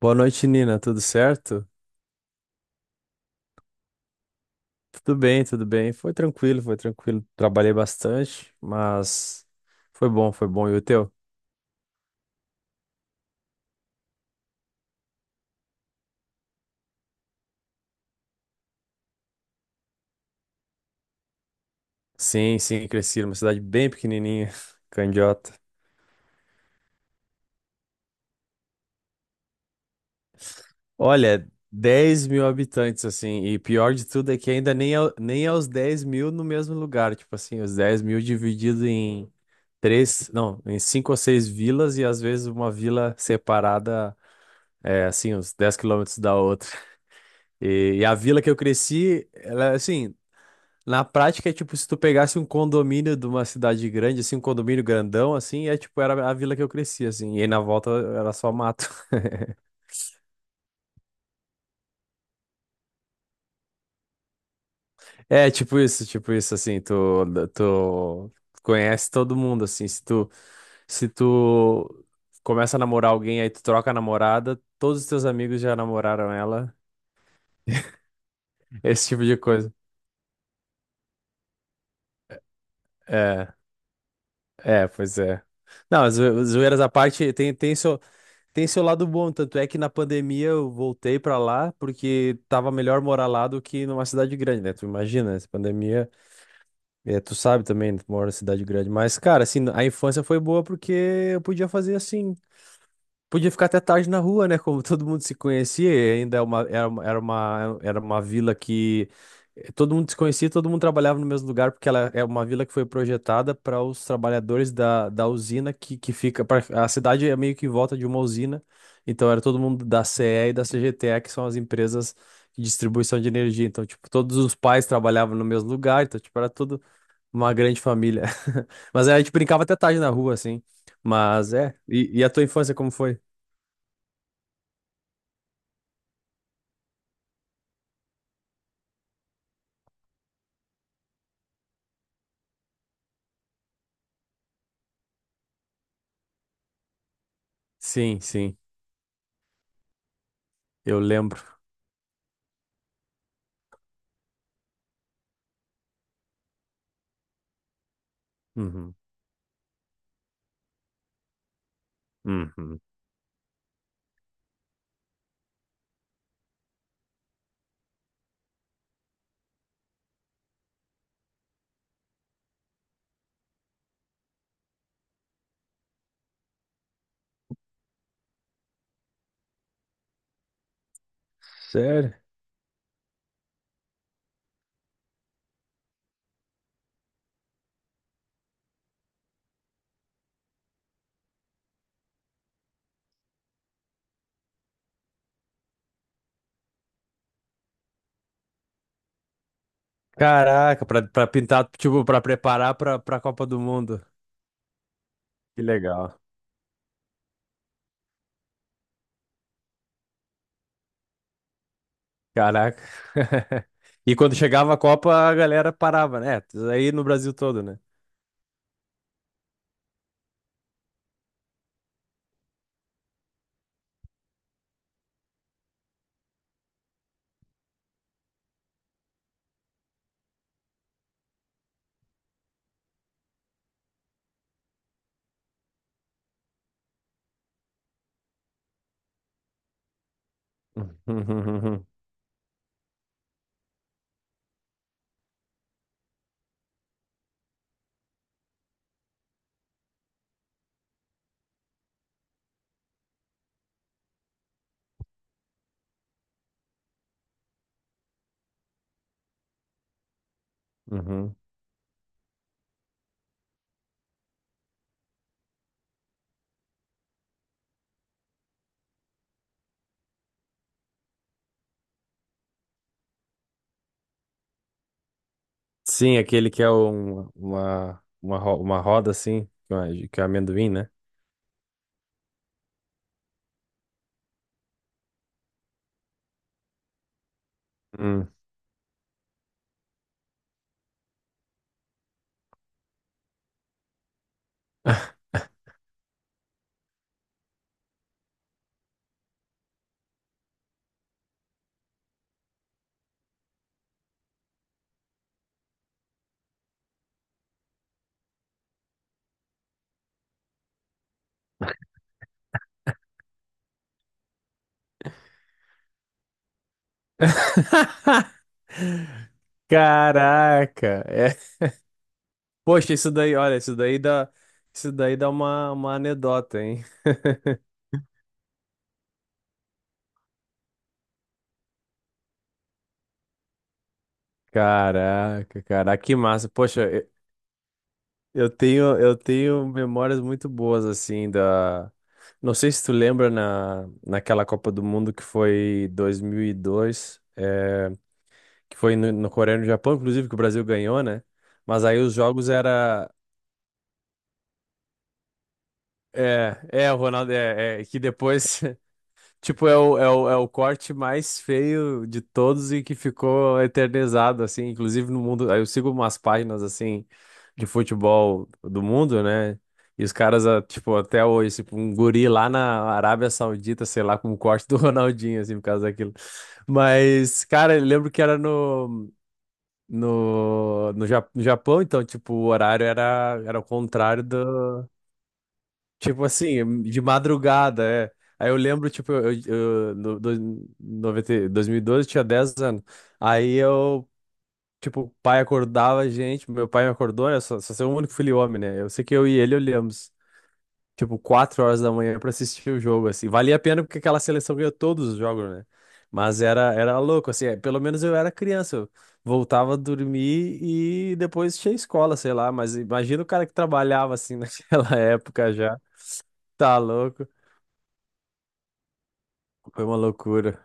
Boa noite, Nina. Tudo certo? Tudo bem, tudo bem. Foi tranquilo, foi tranquilo. Trabalhei bastante, mas foi bom, foi bom. E o teu? Sim, sim, cresci numa cidade bem pequenininha, Candiota. Olha, 10 mil habitantes, assim, e pior de tudo é que ainda nem é os 10 mil no mesmo lugar. Tipo assim, os 10 mil dividido em três, não, em cinco ou seis vilas e às vezes uma vila separada, é, assim, uns 10 quilômetros da outra. E a vila que eu cresci, ela, é, assim, na prática, é tipo, se tu pegasse um condomínio de uma cidade grande, assim, um condomínio grandão, assim, é tipo, era a vila que eu cresci, assim, e aí na volta era só mato. É, tipo isso, assim, tu conhece todo mundo, assim, se tu começa a namorar alguém, aí tu troca a namorada, todos os teus amigos já namoraram ela, esse tipo de coisa. É, é, pois é. Não, zoeiras à parte, Tem seu lado bom, tanto é que na pandemia eu voltei pra lá porque tava melhor morar lá do que numa cidade grande, né? Tu imagina, essa pandemia, é, tu sabe também, tu mora em cidade grande. Mas, cara, assim, a infância foi boa porque eu podia fazer assim. Podia ficar até tarde na rua, né? Como todo mundo se conhecia, e ainda era uma vila que todo mundo se conhecia, todo mundo trabalhava no mesmo lugar, porque ela é uma vila que foi projetada para os trabalhadores da usina que fica. A cidade é meio que em volta de uma usina, então era todo mundo da CE e da CGTE, que são as empresas de distribuição de energia. Então, tipo, todos os pais trabalhavam no mesmo lugar, então, tipo, era tudo uma grande família. Mas aí a gente brincava até tarde na rua, assim. Mas é. E a tua infância, como foi? Sim, sim, eu lembro. Uhum, uhum. Sério? Caraca, pra pintar, tipo, pra preparar pra Copa do Mundo. Que legal. Caraca. E quando chegava a Copa, a galera parava, né? Aí no Brasil todo, né? Uhum, uhum. Sim, aquele que é uma roda assim, que é amendoim, né? Hum. Caraca. É. Poxa, isso daí, olha, isso daí dá uma anedota, hein? Caraca, caraca, que massa. Poxa, eu tenho memórias muito boas, assim, da... Não sei se tu lembra naquela Copa do Mundo que foi 2002, é, que foi no, Coreia e no Japão, inclusive, que o Brasil ganhou, né? Mas aí os jogos era... O Ronaldo, é que depois. Tipo, é o corte mais feio de todos e que ficou eternizado, assim, inclusive no mundo. Aí eu sigo umas páginas, assim, de futebol do mundo, né? E os caras, ah, tipo, até hoje, tipo, um guri lá na Arábia Saudita, sei lá, com o corte do Ronaldinho, assim, por causa daquilo. Mas, cara, eu lembro que era no Japão, então, tipo, o horário era o contrário. Tipo assim, de madrugada, é. Aí eu lembro, tipo, eu, no, do, 90, 2012 tinha 10 anos. Aí eu, tipo, o pai acordava a gente, meu pai me acordou, né? Só sou o único filho homem, né? Eu sei que eu e ele olhamos, tipo, 4 horas da manhã pra assistir o jogo, assim. Valia a pena porque aquela seleção ganhou todos os jogos, né? Mas era louco, assim, é, pelo menos eu era criança. Eu voltava a dormir e depois tinha escola, sei lá. Mas imagina o cara que trabalhava, assim, naquela época já. Tá louco. Foi uma loucura.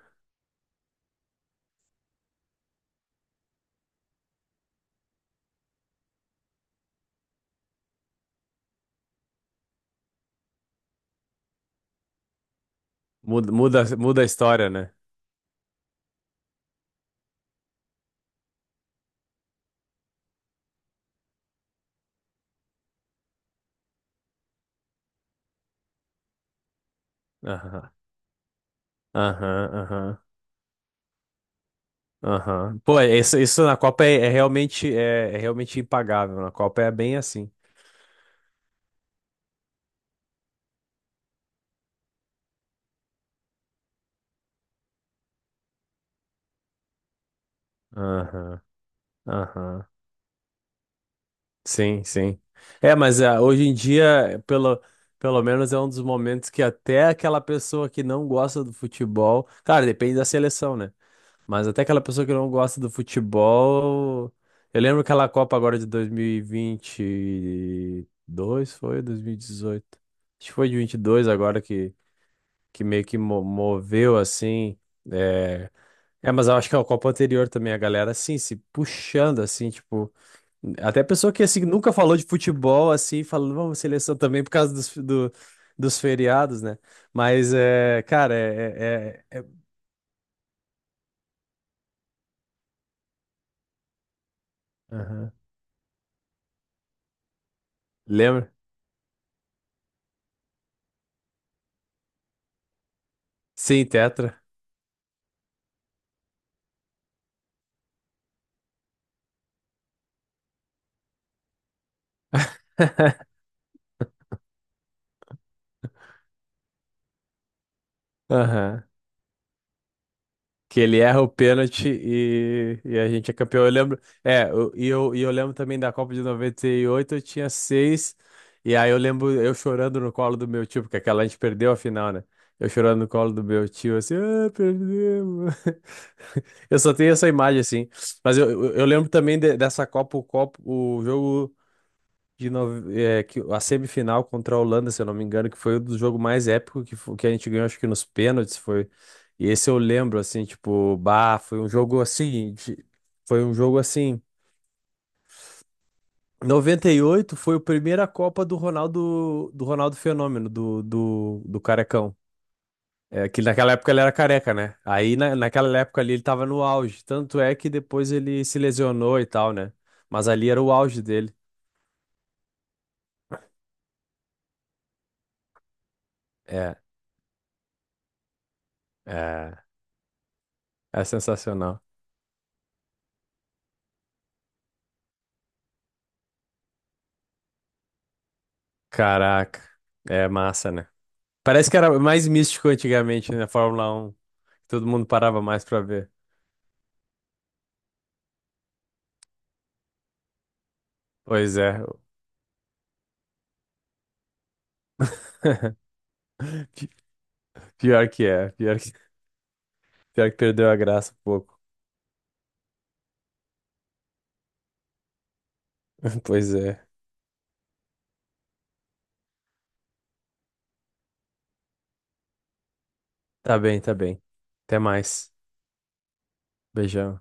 Muda a história, né? Aham, aham, aham, aham. Pô, isso na Copa é realmente impagável. Na Copa é bem assim. Aham, aham. Sim, sim. É, mas ah, hoje em dia, pelo menos é um dos momentos que até aquela pessoa que não gosta do futebol, cara, depende da seleção, né? Mas até aquela pessoa que não gosta do futebol. Eu lembro aquela Copa agora de dois mil e vinte e dois foi? 2018. Acho que foi de 22 agora que, meio que moveu assim. É... mas eu acho que é a Copa anterior também, a galera assim, se puxando assim, tipo. Até pessoa que assim nunca falou de futebol assim, falando, vamos, seleção também por causa dos, dos feriados, né? Mas é, cara, é. Aham. Lembra? Sim, Tetra. Aham. Que ele erra o pênalti e a gente é campeão. Eu lembro. É, e eu lembro também da Copa de 98. Eu tinha 6. E aí eu lembro eu chorando no colo do meu tio, porque aquela a gente perdeu a final, né? Eu chorando no colo do meu tio, assim, ah, perdemos. Eu só tenho essa imagem, assim. Mas eu lembro também dessa Copa, o jogo que a semifinal contra a Holanda, se eu não me engano, que foi o do jogo mais épico que a gente ganhou, acho que nos pênaltis foi. E esse eu lembro, assim, tipo, bah, foi um jogo assim, de- foi um jogo assim. Noventa e oito foi a primeira Copa do Ronaldo Fenômeno, do Carecão. É, que naquela época ele era careca, né? Aí naquela época ali ele tava no auge. Tanto é que depois ele se lesionou e tal, né? Mas ali era o auge dele. É, é, é sensacional. Caraca, é massa, né? Parece que era mais místico antigamente, né? Fórmula Um. Todo mundo parava mais pra ver. Pois é. Pi- Pior que é. Pior que perdeu a graça um pouco. Pois é. Tá bem, tá bem. Até mais. Beijão.